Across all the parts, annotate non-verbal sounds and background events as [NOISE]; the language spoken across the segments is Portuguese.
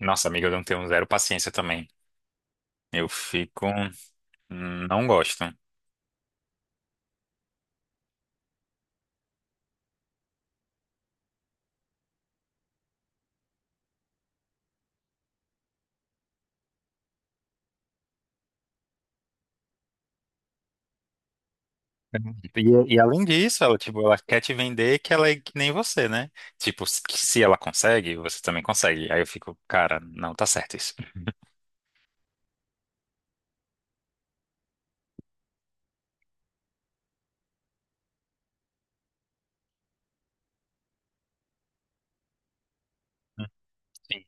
Nossa, amiga, eu não tenho zero paciência também. Eu fico. Não gosto. E além disso, ela, tipo, ela quer te vender que ela é que nem você, né? Tipo, se ela consegue, você também consegue. Aí eu fico, cara, não tá certo isso. Sim.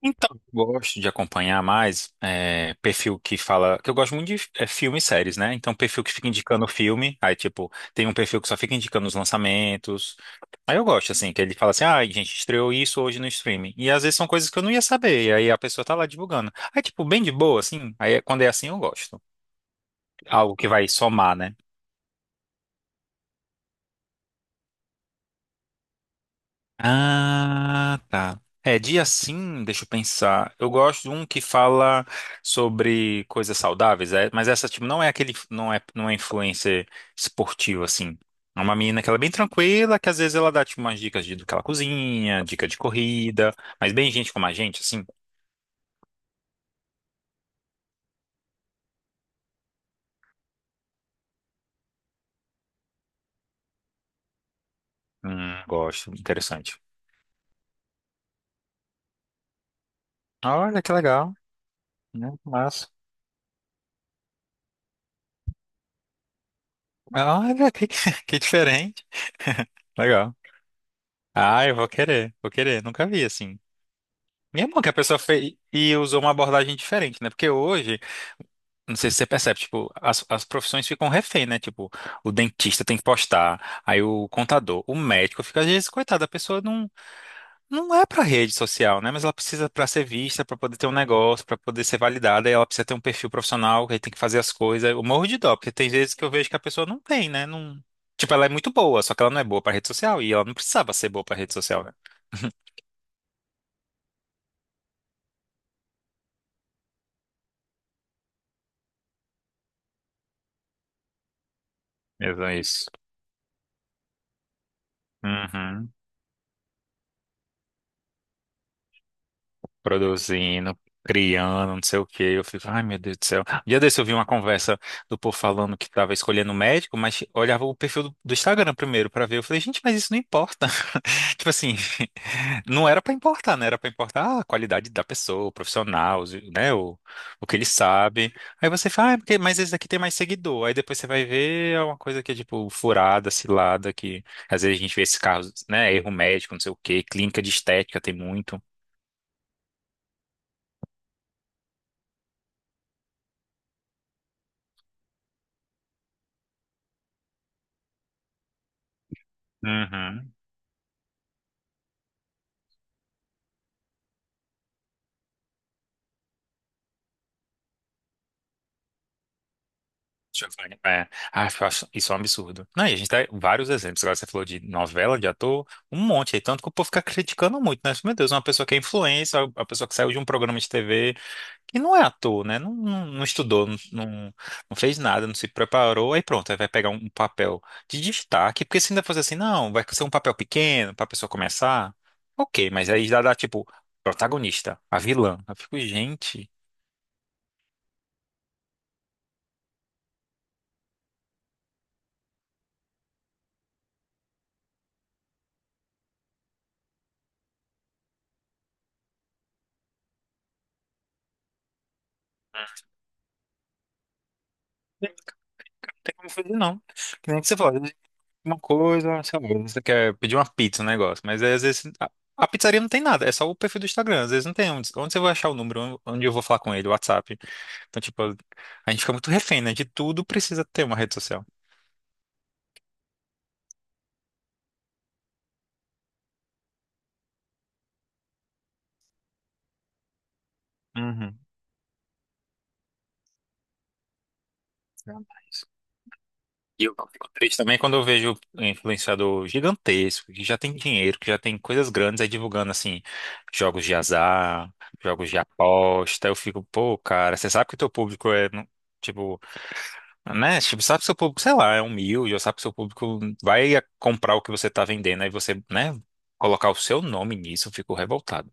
Então, eu gosto de acompanhar mais perfil que fala. Que eu gosto muito de filme e séries, né? Então, perfil que fica indicando filme. Aí, tipo, tem um perfil que só fica indicando os lançamentos. Aí eu gosto, assim, que ele fala assim, ah, a gente estreou isso hoje no streaming. E às vezes são coisas que eu não ia saber, e aí a pessoa tá lá divulgando. Aí, tipo, bem de boa, assim, quando é assim eu gosto. Algo que vai somar, né? Ah, tá. É, dia sim, deixa eu pensar. Eu gosto de um que fala sobre coisas saudáveis, mas essa, tipo, não é aquele, não é influencer esportiva, assim. É uma menina que ela é bem tranquila, que às vezes ela dá, tipo, umas dicas de, do que ela cozinha, dica de corrida, mas bem gente como a gente, assim. Gosto, interessante. Olha que legal, né? Massa. Olha que, [LAUGHS] que diferente. Legal. Ah, eu vou querer, vou querer. Nunca vi assim. E é bom que a pessoa fez e usou uma abordagem diferente, né? Porque hoje, não sei se você percebe, tipo, as profissões ficam refém, né? Tipo, o dentista tem que postar, aí o contador, o médico fica, às vezes, coitado, a pessoa não. Não é para rede social, né? Mas ela precisa para ser vista, para poder ter um negócio, para poder ser validada, e ela precisa ter um perfil profissional, que aí tem que fazer as coisas. Eu morro de dó, porque tem vezes que eu vejo que a pessoa não tem, né? Não. Tipo, ela é muito boa, só que ela não é boa para rede social e ela não precisava ser boa para rede social, né? [LAUGHS] Mesmo isso. Uhum. Produzindo, criando, não sei o quê. Eu fico, ai meu Deus do céu. Um dia desse eu vi uma conversa do povo falando que tava escolhendo médico, mas olhava o perfil do Instagram primeiro pra ver. Eu falei, gente, mas isso não importa. [LAUGHS] Tipo assim, [LAUGHS] não era pra importar, né? Era pra importar a qualidade da pessoa, o profissional, né? O que ele sabe. Aí você fala, ah, é porque, mas esse daqui tem mais seguidor. Aí depois você vai ver é uma coisa que é tipo furada, cilada, que às vezes a gente vê esses carros, né? Erro médico, não sei o quê, clínica de estética tem muito. Uhum. Deixa eu ver. É, ah, eu acho isso é um absurdo. Não, e a gente tem vários exemplos. Agora você falou de novela, de ator, um monte aí. Tanto que o povo fica criticando muito, né? Tipo, meu Deus, uma pessoa que é influencer, uma pessoa que saiu de um programa de TV, que não é ator, né? Não estudou, não fez nada, não se preparou. Aí pronto, aí vai pegar um papel de destaque. Porque se ainda fosse assim, não, vai ser um papel pequeno pra pessoa começar. Ok, mas aí já dá tipo, protagonista, a vilã. Eu fico, gente. Não tem como fazer, não. Que nem que você falou. Uma coisa, sei lá, você quer pedir uma pizza, um negócio, mas aí, às vezes a pizzaria não tem nada, é só o perfil do Instagram, às vezes não tem onde, onde você vai achar o número, onde eu vou falar com ele, o WhatsApp. Então, tipo, a gente fica muito refém, né? De tudo precisa ter uma rede social. Uhum. Jamais. E eu fico triste também quando eu vejo um influenciador gigantesco, que já tem dinheiro, que já tem coisas grandes aí divulgando, assim, jogos de azar, jogos de aposta. Eu fico, pô, cara, você sabe que o teu público tipo, né? Tipo, sabe que seu público, sei lá, é humilde, ou sabe que seu público vai comprar o que você tá vendendo, aí você, né, colocar o seu nome nisso, eu fico revoltado.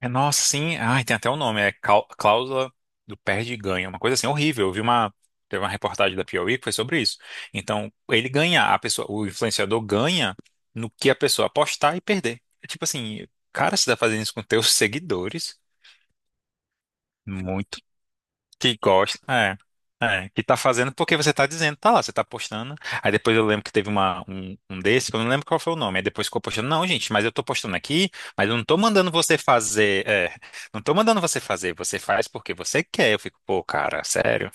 É, nossa, sim, ai, tem até o um nome, é cláusula do perde e ganha, uma coisa assim horrível. Teve uma reportagem da Piauí que foi sobre isso. Então, ele ganha, a pessoa, o influenciador ganha no que a pessoa apostar e perder. É tipo assim, cara, você tá fazendo isso com teus [LAUGHS] seguidores? Que gosta, que tá fazendo porque você tá dizendo, tá lá, você tá postando. Aí depois eu lembro que teve um desse, que eu não lembro qual foi o nome. Aí depois ficou postando, não, gente, mas eu tô postando aqui, mas eu não tô mandando você fazer, não tô mandando você fazer, você faz porque você quer. Eu fico, pô, cara, sério?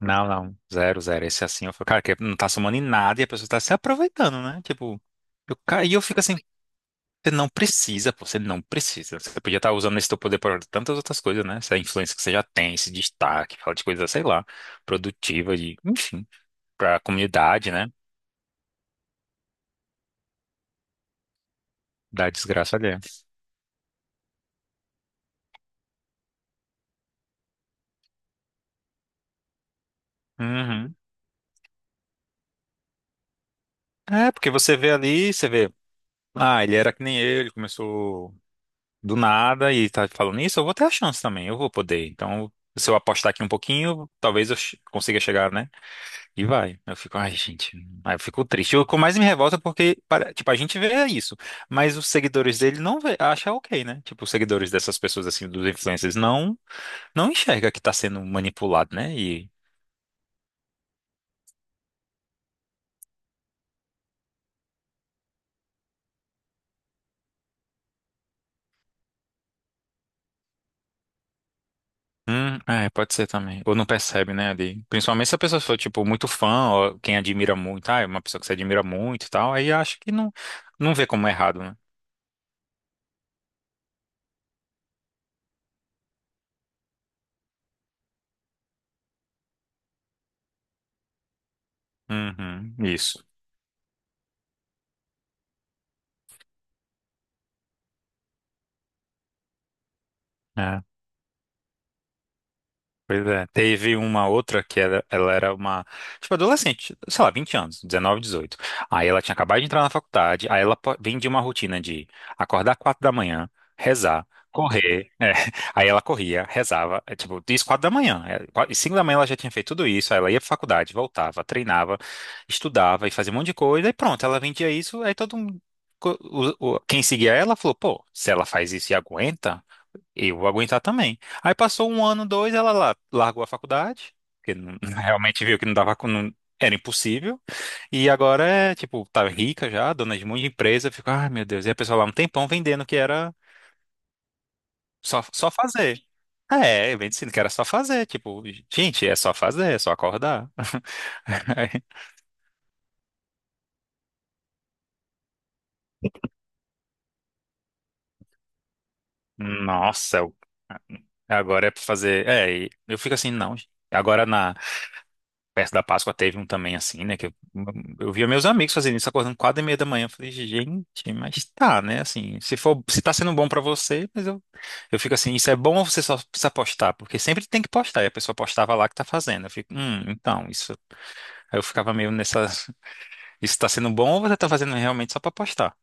Não, não, zero, zero. Esse é assim, eu fico, cara, que não tá somando em nada e a pessoa tá se aproveitando, né? Tipo, e eu fico assim, você não precisa, pô, você não precisa. Você podia estar usando esse teu poder para tantas outras coisas, né? Essa influência que você já tem, esse destaque, fala de coisas, sei lá, produtiva, de, enfim, pra comunidade, né? Da desgraça alheia. Uhum. É, porque você vê ali, você vê, ah, ele era que nem eu, ele começou do nada e tá falando isso, eu vou ter a chance também, eu vou poder. Então, se eu apostar aqui um pouquinho, talvez eu consiga chegar, né? E vai. Eu fico, ai, gente. Aí eu fico triste. O que mais me revolta é porque, tipo, a gente vê isso, mas os seguidores dele não vê, acha ok, né? Tipo, os seguidores dessas pessoas, assim, dos influencers, não enxerga que tá sendo manipulado, né? E. É, pode ser também. Ou não percebe, né, ali. Principalmente se a pessoa for, tipo, muito fã, ou quem admira muito, ah, é uma pessoa que você admira muito e tal, aí acha que não, não vê como errado, né? Uhum, isso. É. Pois é. Teve uma outra que era, ela era uma, tipo, adolescente, sei lá, 20 anos, 19 18. Aí ela tinha acabado de entrar na faculdade, aí vem de uma rotina de acordar 4 da manhã, rezar, correr. É. [LAUGHS] Aí ela corria, rezava, tipo, isso 4 da manhã. E 5 da manhã ela já tinha feito tudo isso, aí ela ia pra faculdade, voltava, treinava, estudava e fazia um monte de coisa, e pronto, ela vendia isso, aí todo mundo. Quem seguia ela falou, pô, se ela faz isso e aguenta. Eu vou aguentar também. Aí passou um ano, dois, largou a faculdade, porque não- [LAUGHS] realmente viu que não dava, com- não- era impossível. E agora é, tipo, tá rica já, dona de muita empresa, fica, ai meu Deus, e a pessoa lá um tempão vendendo que era só fazer. É, vendendo que era só fazer, tipo, gente, é só fazer, é só acordar. [LAUGHS] Nossa, eu- agora é pra fazer. É, e eu fico assim, não. Agora na Perto da Páscoa teve um também assim, né? Eu via meus amigos fazendo isso, acordando 4h30 da manhã. Eu falei, gente, mas tá, né? Assim, se for, se tá sendo bom pra você, eu fico assim, isso é bom ou você só precisa postar? Porque sempre tem que postar, e a pessoa postava lá que tá fazendo. Eu fico, então, isso. Aí eu ficava meio nessa, isso tá sendo bom ou você tá fazendo realmente só pra postar?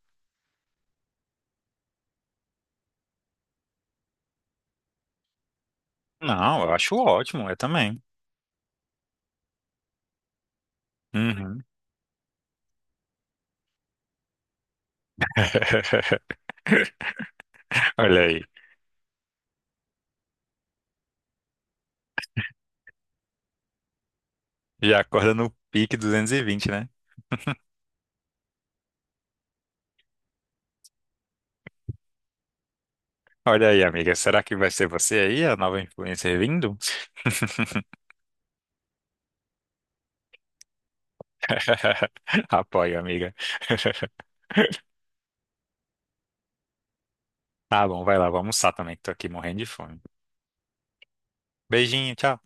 Não, eu acho ótimo, eu também. Uhum. [LAUGHS] Olha aí, já acorda no pique 220, né? Olha aí, amiga. Será que vai ser você aí, a nova influencer vindo? [LAUGHS] Apoio, amiga. Tá bom, vai lá, vou almoçar também, que tô aqui morrendo de fome. Beijinho, tchau.